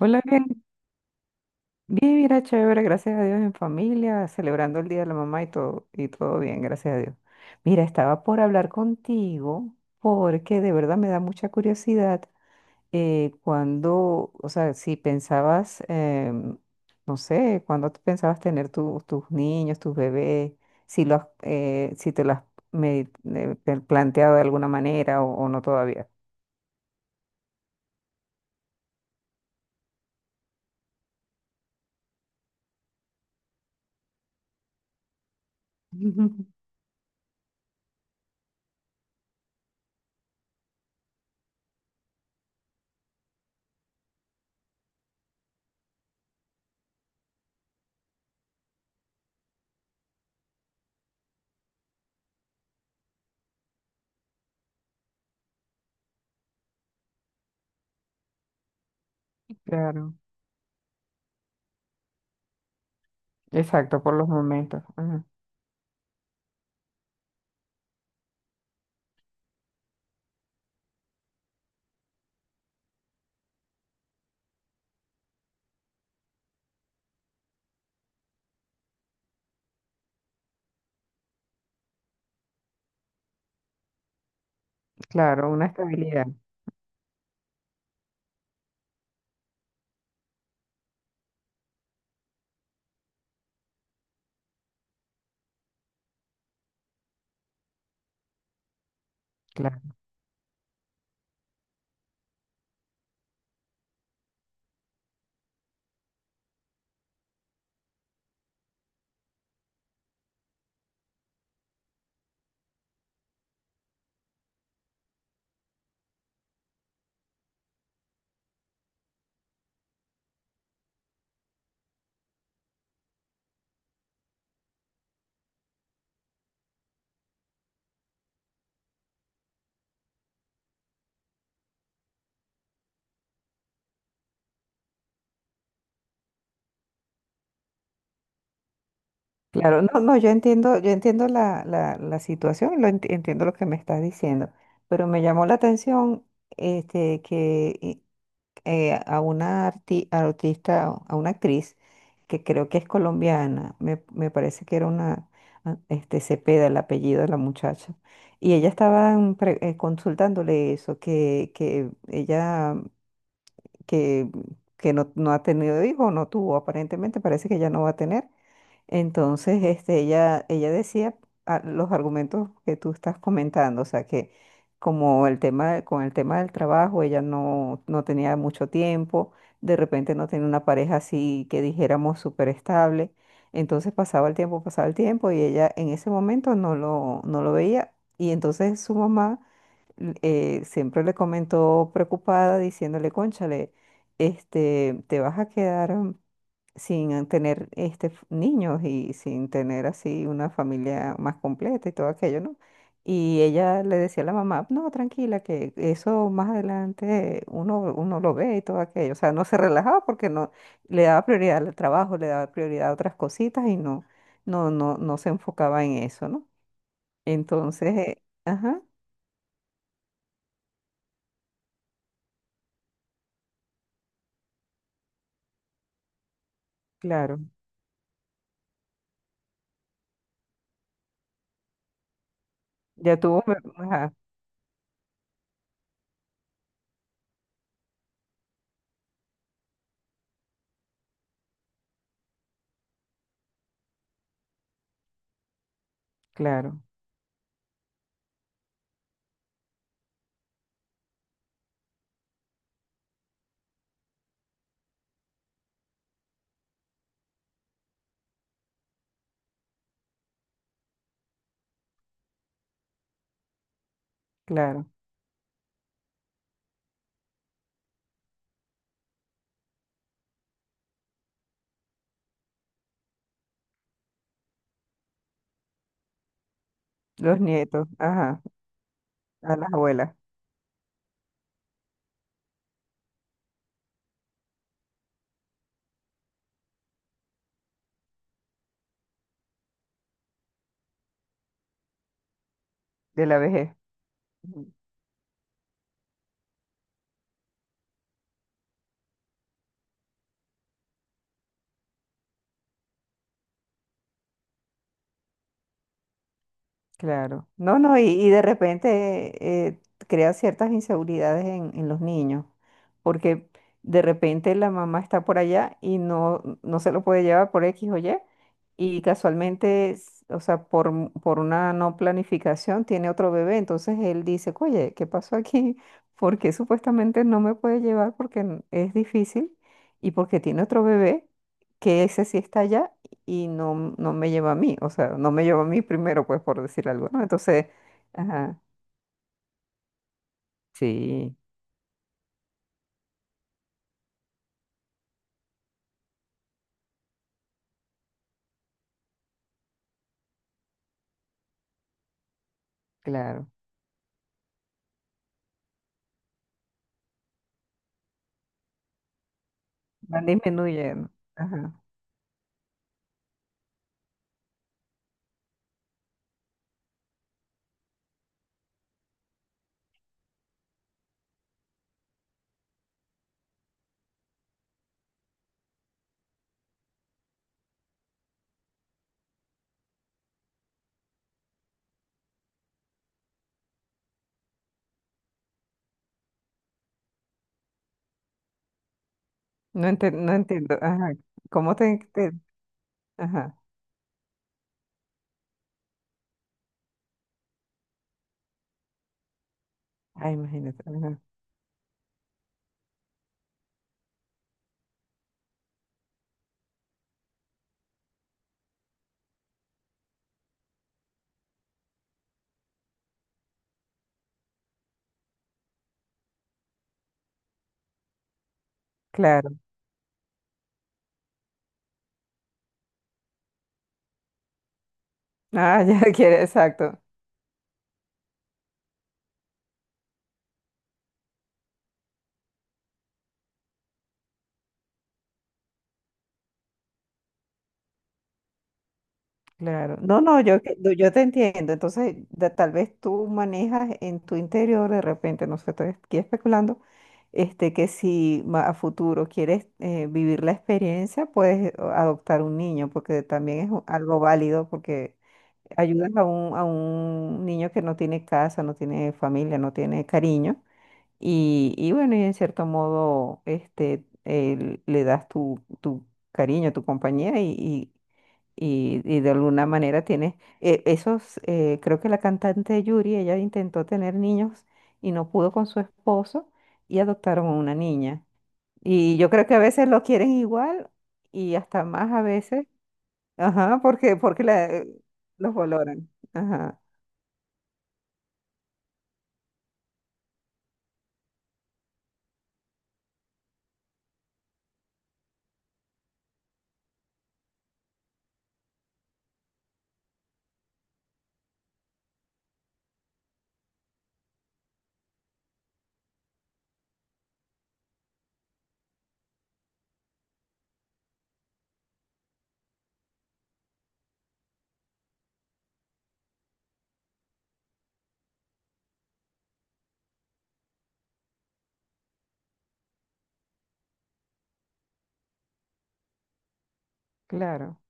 Hola, bien, bien, mira, chévere, gracias a Dios en familia, celebrando el Día de la Mamá y todo bien, gracias a Dios. Mira, estaba por hablar contigo porque de verdad me da mucha curiosidad cuando, o sea, si pensabas, no sé, cuando tú pensabas tener tus niños, tus bebés, si los, si te lo has planteado de alguna manera o no todavía. Claro, exacto, por los momentos. Ajá. Claro, una estabilidad. Claro, claro, no, no, yo entiendo la, la, la situación, lo entiendo lo que me estás diciendo, pero me llamó la atención este, a una artista, a una actriz que creo que es colombiana, me parece que era una, ah, este, Cepeda, el apellido de la muchacha, y ella estaba consultándole eso, que ella, que, que no, no ha tenido hijos, no tuvo, aparentemente parece que ya no va a tener. Entonces, este, ella decía ah, los argumentos que tú estás comentando, o sea, que como el tema, con el tema del trabajo, ella no, no tenía mucho tiempo, de repente no tenía una pareja así que dijéramos súper estable, entonces pasaba el tiempo y ella en ese momento no lo, no lo veía y entonces su mamá siempre le comentó preocupada diciéndole, cónchale, este, te vas a quedar sin tener este, niños y sin tener así una familia más completa y todo aquello, ¿no? Y ella le decía a la mamá, no, tranquila, que eso más adelante uno, uno lo ve y todo aquello. O sea, no se relajaba porque no le daba prioridad al trabajo, le daba prioridad a otras cositas y no, no, no, no se enfocaba en eso, ¿no? Entonces, ajá, claro, ya tuvo, ajá, claro, claro, los nietos, ajá, a las abuelas, de la vejez. Claro. No, no, y de repente crea ciertas inseguridades en los niños, porque de repente la mamá está por allá y no, no se lo puede llevar por X o Y, y casualmente, o sea, por una no planificación tiene otro bebé, entonces él dice, oye, ¿qué pasó aquí? Porque supuestamente no me puede llevar porque es difícil y porque tiene otro bebé, que ese sí está allá y no, no me lleva a mí, o sea, no me lleva a mí primero, pues por decir algo, ¿no? Entonces, ajá, sí, claro, van disminuyendo, ajá, no, no entiendo, ajá, ¿cómo te, te- ajá, ah, imagínate, ajá, claro, ah, ya quiere, exacto. Claro, no, no, yo, no, yo te entiendo. Entonces, tal vez tú manejas en tu interior de repente, no sé, estoy aquí especulando, este, que si a futuro quieres vivir la experiencia, puedes o, adoptar un niño, porque también es algo válido, porque ayudas a un niño que no tiene casa, no tiene familia, no tiene cariño. Y bueno, y en cierto modo, este, le das tu, tu cariño, tu compañía y, y de alguna manera tienes esos, creo que la cantante Yuri, ella intentó tener niños y no pudo con su esposo y adoptaron a una niña. Y yo creo que a veces lo quieren igual y hasta más a veces, ajá, porque, los valoran. Ajá, claro,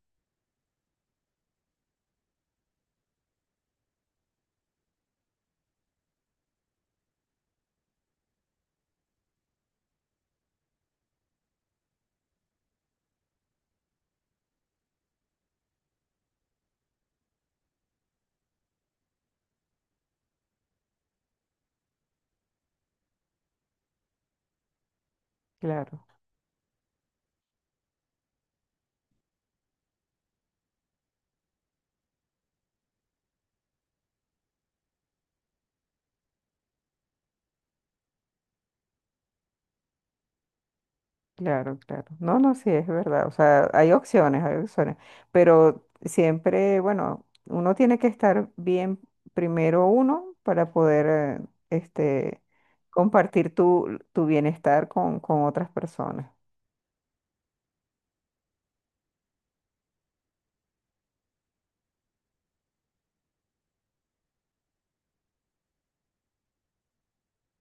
claro. Claro, claro. No, no, sí, es verdad. O sea, hay opciones, hay opciones. Pero siempre, bueno, uno tiene que estar bien primero uno para poder, este, compartir tu, tu bienestar con otras personas.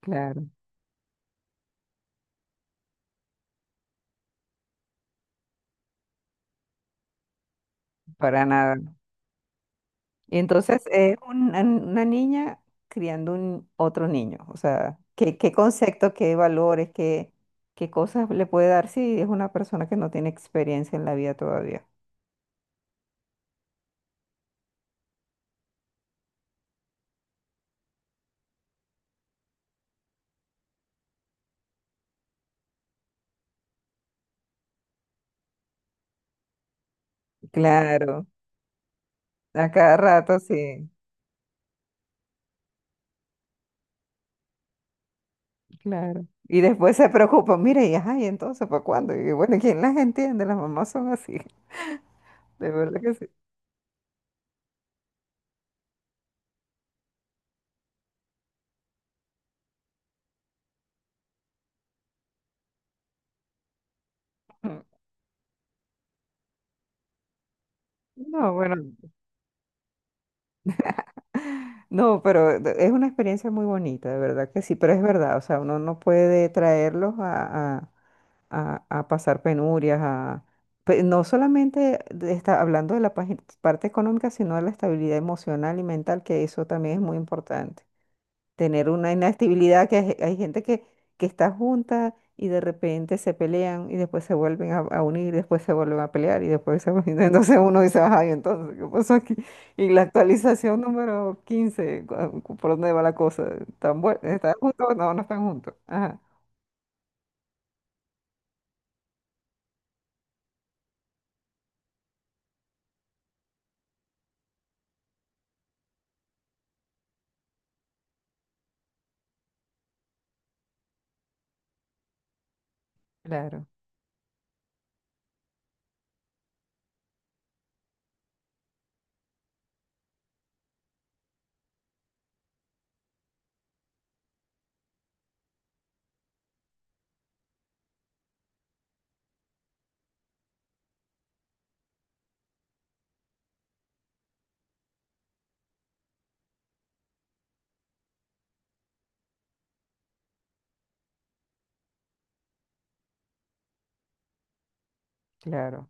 Claro. Para nada. Y entonces es una niña criando un otro niño. O sea, ¿qué, qué conceptos, qué valores, qué, qué cosas le puede dar si es una persona que no tiene experiencia en la vida todavía? Claro. A cada rato, sí, claro. Y después se preocupan, mire, y ajá, y entonces, ¿para cuándo? Y bueno, ¿quién las entiende? Las mamás son así, de verdad que sí. No, bueno, no, pero es una experiencia muy bonita, de verdad que sí, pero es verdad, o sea, uno no puede traerlos a, a pasar penurias, a, no solamente está hablando de la parte económica, sino de la estabilidad emocional y mental, que eso también es muy importante. Tener una inestabilidad, que hay gente que está junta y de repente se pelean y después se vuelven a unir, después se vuelven a pelear y después se vuelven, entonces uno dice, ay, entonces, ¿qué pasó aquí? Y la actualización número 15 ¿por dónde va la cosa? ¿Están, están juntos? No, no están juntos. Ajá, claro, claro,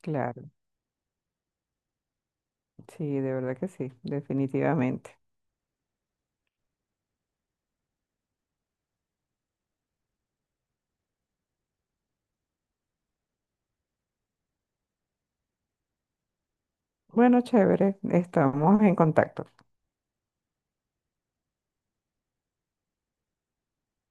claro. Sí, de verdad que sí, definitivamente. Bueno, chévere, estamos en contacto.